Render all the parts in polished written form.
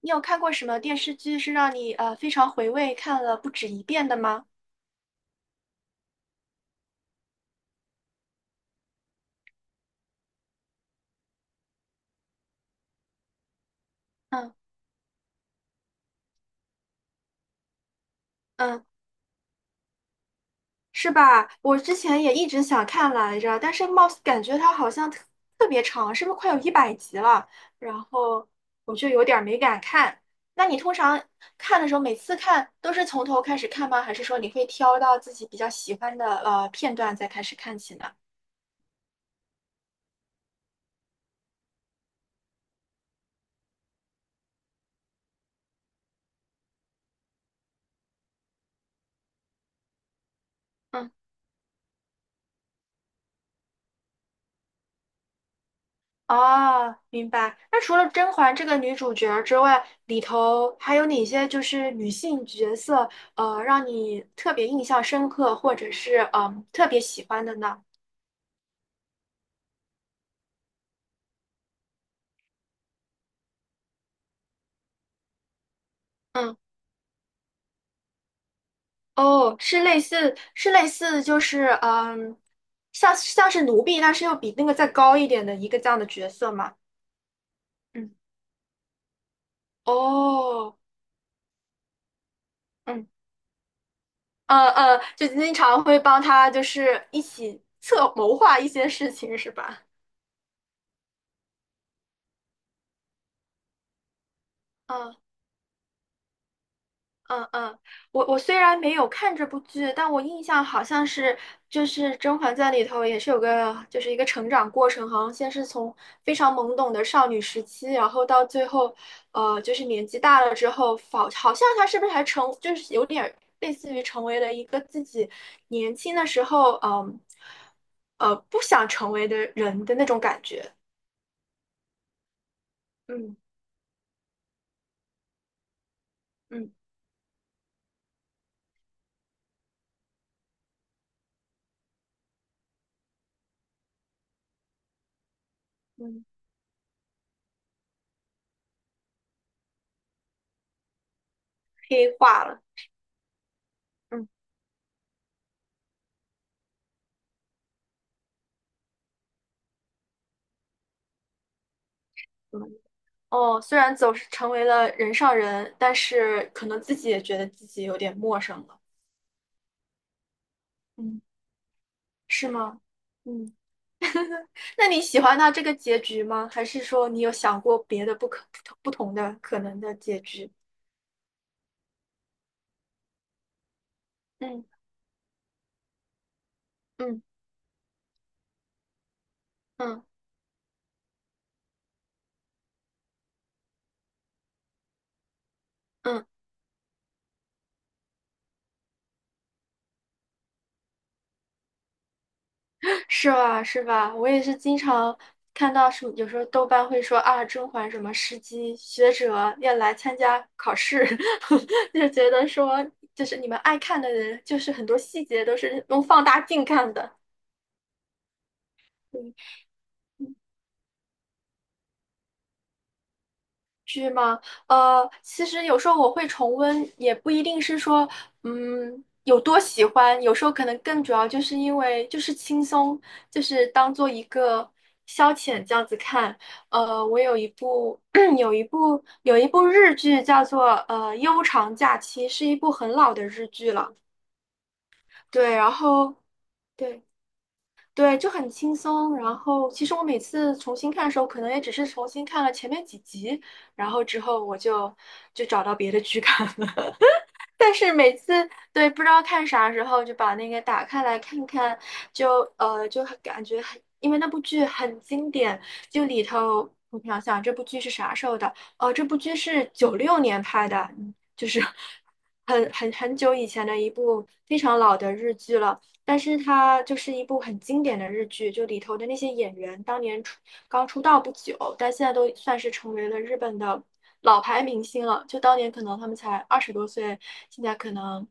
你有看过什么电视剧是让你非常回味，看了不止一遍的吗？嗯嗯，是吧？我之前也一直想看来着，但是貌似感觉它好像特别长，是不是快有100集了？然后我就有点儿没敢看。那你通常看的时候，每次看都是从头开始看吗？还是说你会挑到自己比较喜欢的片段再开始看起呢？嗯。哦，明白。那除了甄嬛这个女主角儿之外，里头还有哪些就是女性角色，让你特别印象深刻，或者是特别喜欢的呢？嗯，哦，是类似就是嗯，像是奴婢，但是又比那个再高一点的一个这样的角色嘛。嗯，哦，嗯，就经常会帮他就是一起策谋划一些事情，是吧？嗯。嗯嗯，我虽然没有看这部剧，但我印象好像是就是《甄嬛传》里头也是有个就是一个成长过程，好像先是从非常懵懂的少女时期，然后到最后，就是年纪大了之后，好像她是不是还成就是有点儿类似于成为了一个自己年轻的时候，嗯，不想成为的人的那种感觉，嗯嗯嗯，黑化了，嗯。嗯哦，虽然走是成为了人上人，但是可能自己也觉得自己有点陌生了。嗯，是吗？嗯，那你喜欢他这个结局吗？还是说你有想过别的不同的可能的结局？嗯嗯嗯嗯，是吧是吧？我也是经常看到什么，有时候豆瓣会说啊，甄嬛什么时机学者要来参加考试，就觉得说就是你们爱看的人，就是很多细节都是用放大镜看的。对剧吗？其实有时候我会重温，也不一定是说，有多喜欢，有时候可能更主要就是因为就是轻松，就是当做一个消遣这样子看。我有一部 有一部日剧叫做《悠长假期》，是一部很老的日剧了。对，然后对。对，就很轻松。然后，其实我每次重新看的时候，可能也只是重新看了前面几集，然后之后我就找到别的剧看了。但是每次对不知道看啥时候，就把那个打开来看看，就很感觉很，因为那部剧很经典，就里头我想想这部剧是啥时候的？哦、这部剧是九六年拍的，嗯就是 很久以前的一部非常老的日剧了。但是它就是一部很经典的日剧，就里头的那些演员当年刚出道不久，但现在都算是成为了日本的老牌明星了。就当年可能他们才20多岁，现在可能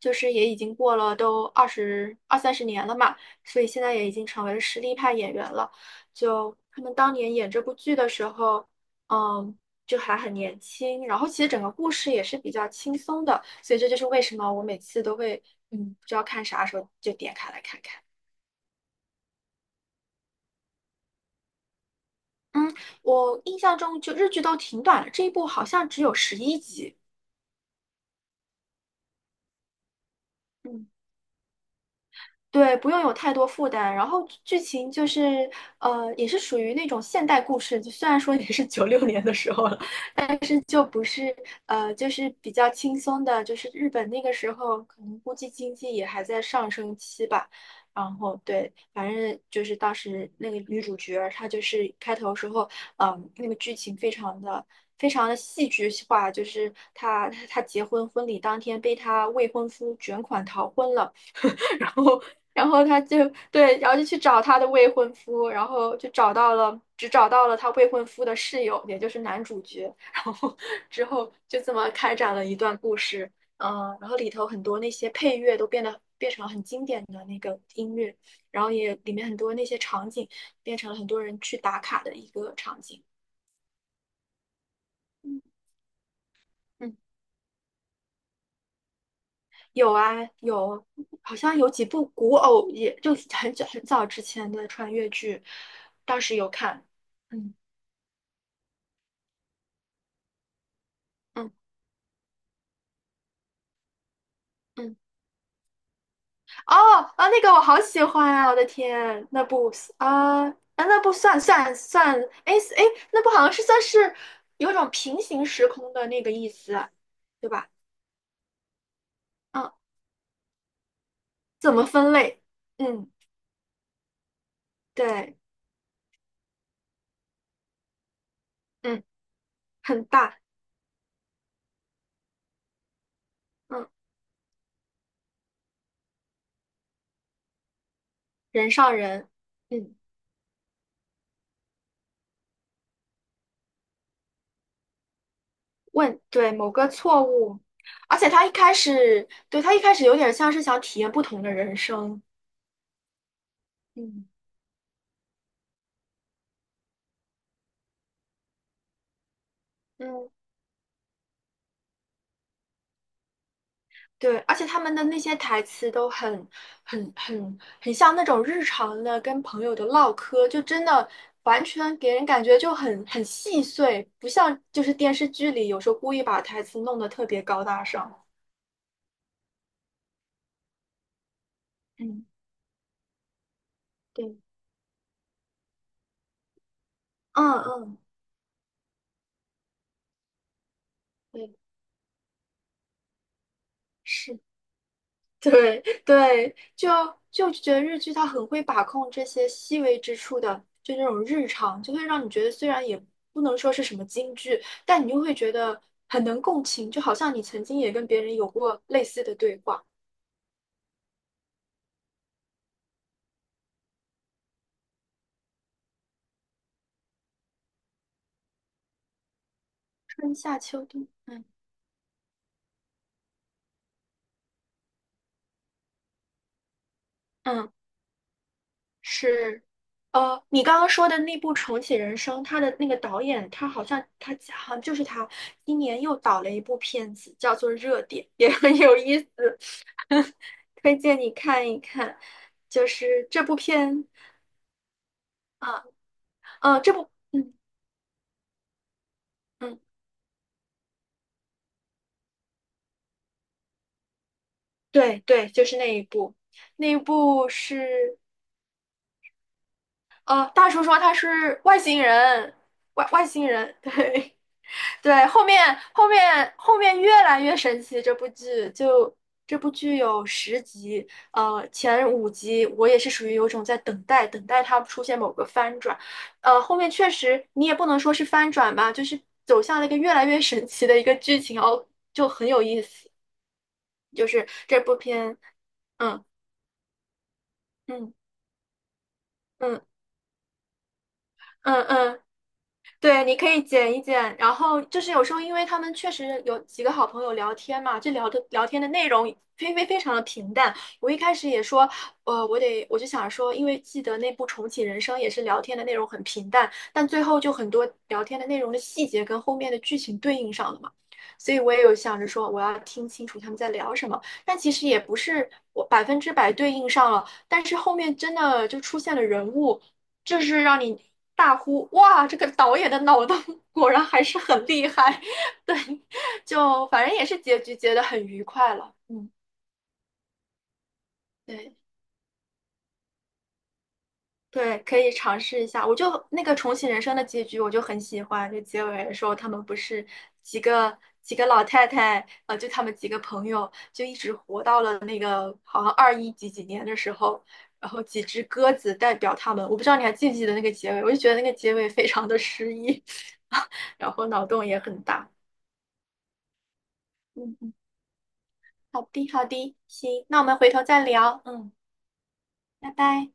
就是也已经过了都二三十年了嘛，所以现在也已经成为了实力派演员了。就他们当年演这部剧的时候，嗯，就还很年轻，然后其实整个故事也是比较轻松的。所以这就是为什么我每次都会，嗯，不知道看啥时候就点开来看看。嗯，我印象中就日剧都挺短的，这一部好像只有11集。嗯，对，不用有太多负担。然后剧情就是，也是属于那种现代故事，就虽然说也是九六年的时候了，但是就不是，就是比较轻松的，就是日本那个时候可能估计经济也还在上升期吧。然后对，反正就是当时那个女主角儿，她就是开头时候，那个剧情非常的戏剧化，就是她婚礼当天被她未婚夫卷款逃婚了。然后，然后，对，然后就去找他的未婚夫，然后就找到了，只找到了他未婚夫的室友，也就是男主角。然后之后就这么开展了一段故事，嗯，然后里头很多那些配乐都变成了很经典的那个音乐，然后也里面很多那些场景变成了很多人去打卡的一个场景。嗯。有啊，有，好像有几部古偶，也就很久很早之前的穿越剧，当时有看。嗯嗯嗯，哦啊，那个我好喜欢啊！我的天，那部啊啊，哎那部算，哎哎，那部好像是算是有种平行时空的那个意思，对吧？嗯，怎么分类？嗯，对，嗯，很大，嗯，人上人，嗯。问，对，某个错误，而且他一开始，对，他一开始有点像是想体验不同的人生，嗯，嗯，对，而且他们的那些台词都很、很、很、很像那种日常的跟朋友的唠嗑，就真的完全给人感觉就很细碎，不像就是电视剧里有时候故意把台词弄得特别高大上。嗯，对，嗯嗯，对，是。对对，就觉得日剧它很会把控这些细微之处的，就那种日常，就会让你觉得虽然也不能说是什么京剧，但你又会觉得很能共情，就好像你曾经也跟别人有过类似的对话。春夏秋冬，嗯嗯。是，你刚刚说的那部《重启人生》，他的那个导演，他好像就是他，今年又导了一部片子，叫做《热点》，也很有意思，推荐你看一看。就是这部片，啊，这部，嗯嗯，对对，就是那一部，那一部是，大叔说他是外星人，外星人，对。对，后面越来越神奇，这部剧有10集，前5集我也是属于有种在等待，等待它出现某个翻转，后面确实你也不能说是翻转吧，就是走向了一个越来越神奇的一个剧情哦，就很有意思，就是这部片，嗯嗯嗯嗯嗯。对，你可以剪一剪，然后就是有时候，因为他们确实有几个好朋友聊天嘛，这聊天的内容非常的平淡。我一开始也说，我就想说，因为记得那部《重启人生》也是聊天的内容很平淡，但最后就很多聊天的内容的细节跟后面的剧情对应上了嘛，所以我也有想着说，我要听清楚他们在聊什么。但其实也不是我100%对应上了，但是后面真的就出现了人物。这是让你大呼哇，这个导演的脑洞 果然还是很厉害。对，就反正也是结局结得很愉快了。嗯，对。对，可以尝试一下。我就那个重启人生的结局，我就很喜欢。就结尾的时候，他们不是几个几个老太太，就他们几个朋友，就一直活到了那个好像21几几年的时候，然后几只鸽子代表他们。我不知道你还记不记得那个结尾，我就觉得那个结尾非常的诗意，然后脑洞也很大。嗯嗯，好的好的，行，那我们回头再聊。嗯，拜拜。